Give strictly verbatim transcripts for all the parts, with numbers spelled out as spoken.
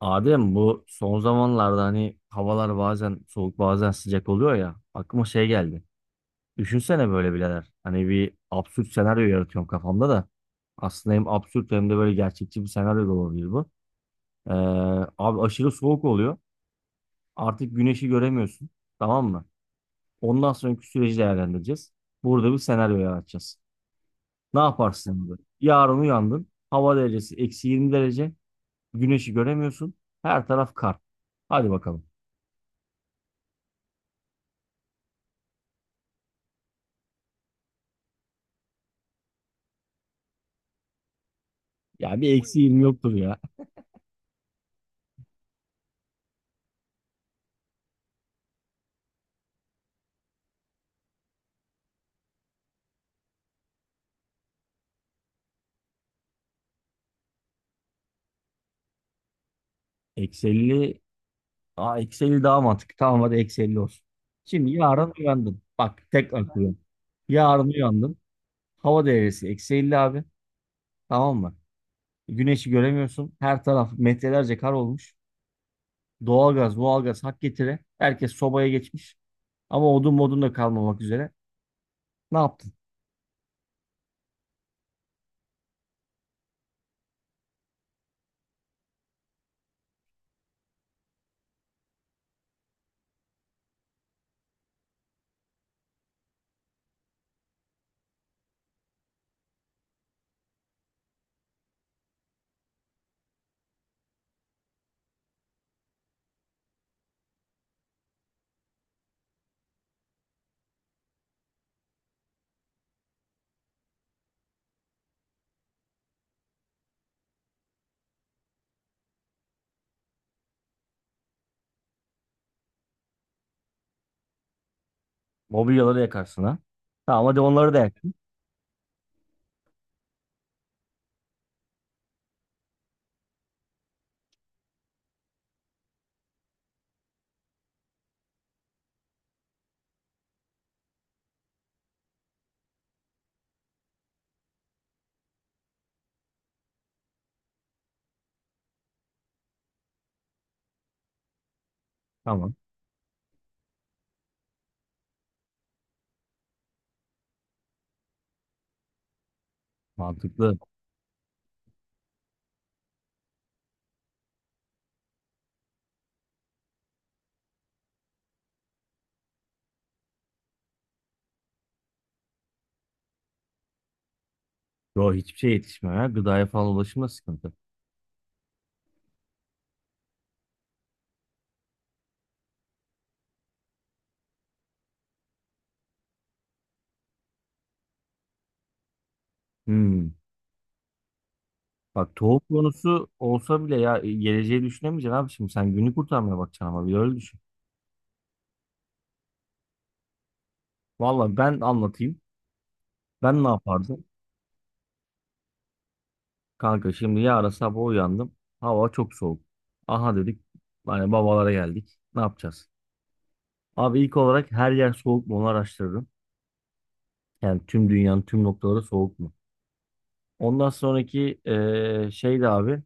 Adem, bu son zamanlarda hani havalar bazen soğuk bazen sıcak oluyor ya, aklıma şey geldi. Düşünsene böyle birader. Hani bir absürt senaryo yaratıyorum kafamda da. Aslında hem absürt hem de böyle gerçekçi bir senaryo da olabilir bu. Ee, abi aşırı soğuk oluyor. Artık güneşi göremiyorsun. Tamam mı? Ondan sonraki süreci değerlendireceğiz. Burada bir senaryo yaratacağız. Ne yaparsın burada? Yarın uyandın. Hava derecesi eksi yirmi derece. Güneşi göremiyorsun. Her taraf kar. Hadi bakalım. Ya bir eksi yirmi yoktur ya. Eksi elli. Aa, eksi elli daha mantıklı. Tamam, hadi eksi elli olsun. Şimdi yarın uyandın. Bak, tekrar kuruyorum. Yarın uyandın. Hava değerisi eksi elli abi. Tamam mı? Güneşi göremiyorsun. Her taraf metrelerce kar olmuş. Doğalgaz, doğalgaz hak getire. Herkes sobaya geçmiş. Ama odun modun da kalmamak üzere. Ne yaptın? Mobilyaları yakarsın ha. Tamam, hadi onları da yaktın. Tamam. Mantıklı. Yo, hiçbir şey yetişmiyor ya. Gıdaya falan ulaşımda sıkıntı. Hmm. Bak, tohum konusu olsa bile ya, e, geleceği düşünemeyeceksin abi, şimdi sen günü kurtarmaya bakacaksın ama bir öyle düşün. Vallahi ben anlatayım. Ben ne yapardım? Kanka, şimdi yarın sabah uyandım. Hava çok soğuk. Aha dedik. Hani babalara geldik. Ne yapacağız? Abi, ilk olarak her yer soğuk mu onu araştırırım. Yani tüm dünyanın tüm noktaları soğuk mu? Ondan sonraki e, şey de abi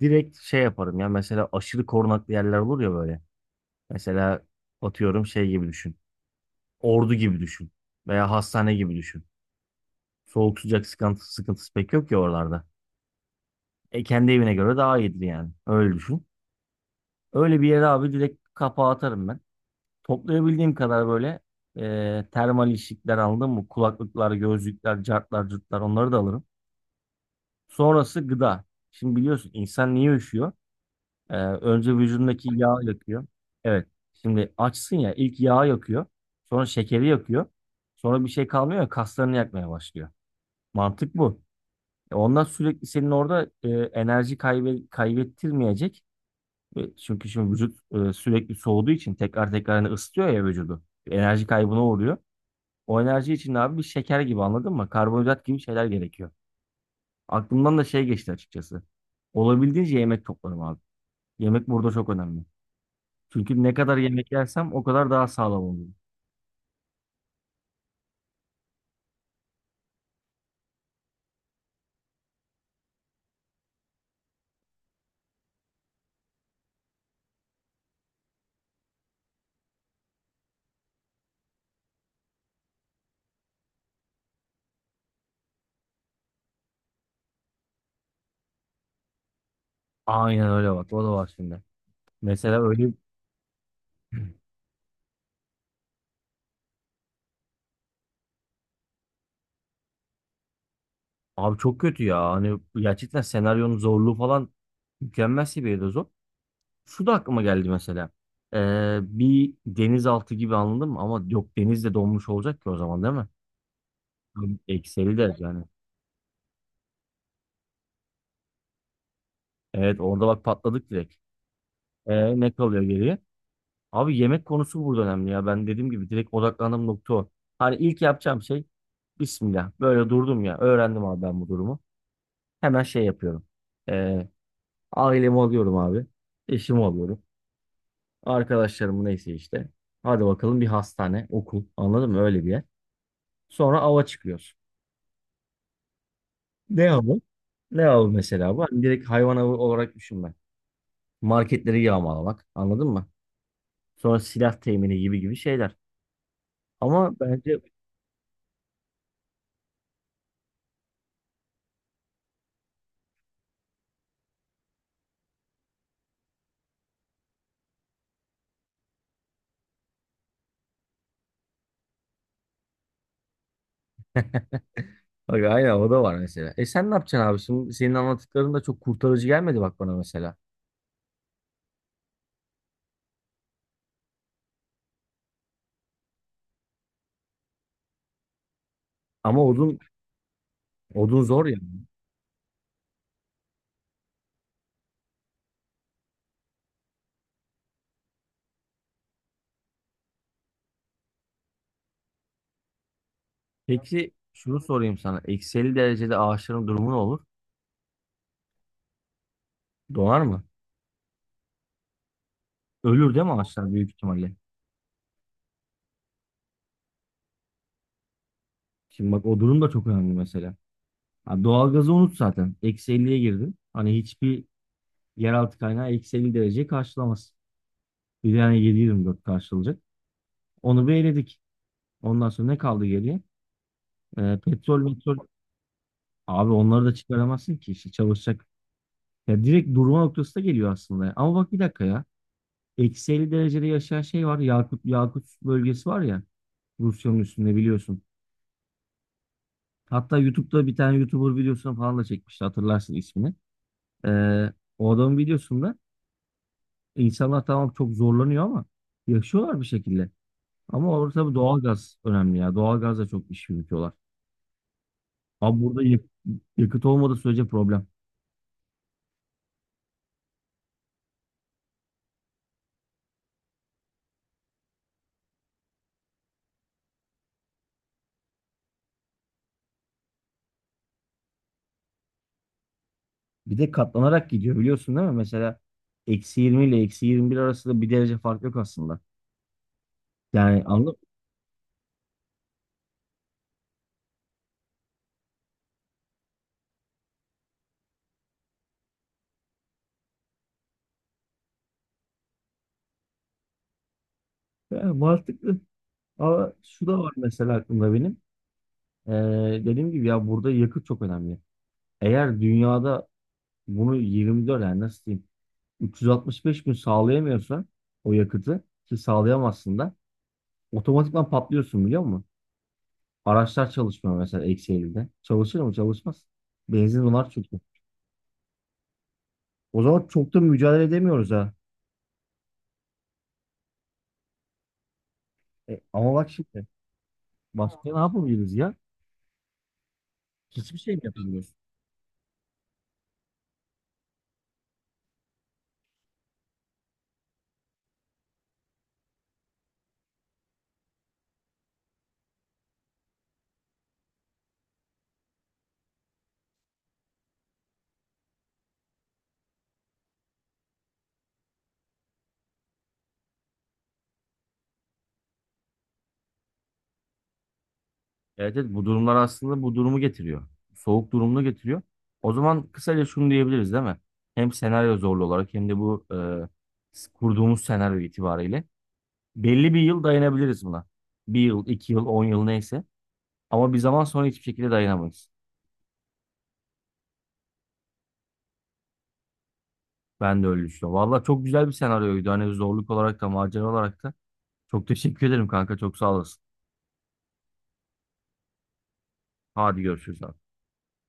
direkt şey yaparım ya, mesela aşırı korunaklı yerler olur ya böyle. Mesela, atıyorum, şey gibi düşün. Ordu gibi düşün. Veya hastane gibi düşün. Soğuk sıcak sıkıntı, sıkıntısı pek yok ya oralarda. E, kendi evine göre daha iyidir yani. Öyle düşün. Öyle bir yere abi direkt kapağı atarım ben. Toplayabildiğim kadar böyle e, termal işlikler aldım mı? Kulaklıklar, gözlükler, cartlar, cırtlar onları da alırım. Sonrası gıda. Şimdi biliyorsun, insan niye üşüyor? E, önce vücudundaki yağ yakıyor. Evet. Şimdi açsın ya, ilk yağ yakıyor. Sonra şekeri yakıyor. Sonra bir şey kalmıyor ya, kaslarını yakmaya başlıyor. Mantık bu. E, Ondan sürekli senin orada e, enerji kaybe kaybettirmeyecek. Ve çünkü şimdi vücut e, sürekli soğuduğu için tekrar tekrar hani ısıtıyor ya vücudu. Enerji kaybına uğruyor. O enerji için de abi bir şeker gibi, anladın mı? Karbonhidrat gibi şeyler gerekiyor. Aklımdan da şey geçti açıkçası. Olabildiğince yemek toplarım abi. Yemek burada çok önemli. Çünkü ne kadar yemek yersem o kadar daha sağlam olurum. Aynen öyle bak. O da var şimdi. Mesela öyle. Abi çok kötü ya. Hani gerçekten senaryonun zorluğu falan mükemmel seviyede zor. Şu da aklıma geldi mesela. Ee, bir denizaltı gibi, anladın mı? Ama yok, deniz de donmuş olacak ki o zaman, değil mi? Ekseli de yani. Evet, orada bak patladık direkt. Ee, ne kalıyor geriye? Abi, yemek konusu burada önemli ya. Ben dediğim gibi direkt odaklandığım nokta o. Hani ilk yapacağım şey, Bismillah. Böyle durdum ya. Öğrendim abi ben bu durumu. Hemen şey yapıyorum. Ee, ailemi alıyorum abi. Eşimi alıyorum. Arkadaşlarımı neyse işte. Hadi bakalım, bir hastane, okul. Anladın mı? Öyle bir yer. Sonra ava çıkıyoruz. Ne avı? Ne avı mesela bu? Hani direkt hayvan avı olarak düşünme. Marketleri yağmalamak. Anladın mı? Sonra silah temini gibi gibi şeyler. Ama bence bak aynen, o da var mesela. E, sen ne yapacaksın abi? Şimdi senin anlattıkların da çok kurtarıcı gelmedi bak bana mesela. Ama odun odun zor ya. Peki, şunu sorayım sana. Eksi elli derecede ağaçların durumu ne olur? Donar mı? Ölür değil mi ağaçlar, büyük ihtimalle? Şimdi bak, o durum da çok önemli mesela. Ha, doğalgazı unut zaten. Eksi elliye girdin. Hani hiçbir yeraltı kaynağı eksi elli dereceyi karşılamaz. Bir de yani yedi yirmi dört karşılayacak. Onu bir eledik. Ondan sonra ne kaldı geriye? Ee, petrol, petrol. Abi onları da çıkaramazsın ki işte çalışacak. Ya direkt durma noktası da geliyor aslında. Ama bak bir dakika ya. Eksi elli derecede yaşayan şey var. Yakut, Yakut bölgesi var ya. Rusya'nın üstünde biliyorsun. Hatta YouTube'da bir tane YouTuber videosunu falan da çekmişti. Hatırlarsın ismini. Ee, o adamın videosunda insanlar tamam çok zorlanıyor ama yaşıyorlar bir şekilde. Ama orada tabii doğalgaz önemli ya. Doğalgazla çok iş yürütüyorlar. Abi burada yak- yakıt olmadığı sürece problem. Bir de katlanarak gidiyor, biliyorsun değil mi? Mesela eksi yirmi ile eksi yirmi bir arasında bir derece fark yok aslında. Yani anladın mı? Yani mantıklı. Ama şu da var mesela aklımda benim. Ee, dediğim gibi ya, burada yakıt çok önemli. Eğer dünyada bunu yirmi dört, yani nasıl diyeyim, üç yüz altmış beş gün sağlayamıyorsa, o yakıtı ki sağlayamazsın da, otomatikman patlıyorsun, biliyor musun? Araçlar çalışmıyor mesela eksi ellide. Çalışır mı? Çalışmaz. Benzin var çünkü. O zaman çok da mücadele edemiyoruz ha. E, ama bak şimdi başka ne yapabiliriz ya? Hiçbir şey mi yapamıyoruz? Evet, evet, bu durumlar aslında bu durumu getiriyor. Soğuk durumunu getiriyor. O zaman kısaca şunu diyebiliriz değil mi? Hem senaryo zorlu olarak, hem de bu e, kurduğumuz senaryo itibariyle belli bir yıl dayanabiliriz buna. Bir yıl, iki yıl, on yıl neyse. Ama bir zaman sonra hiçbir şekilde dayanamayız. Ben de öyle düşünüyorum. Valla çok güzel bir senaryoydu. Hani zorluk olarak da macera olarak da. Çok teşekkür ederim kanka. Çok sağ olasın. Hadi görüşürüz abi.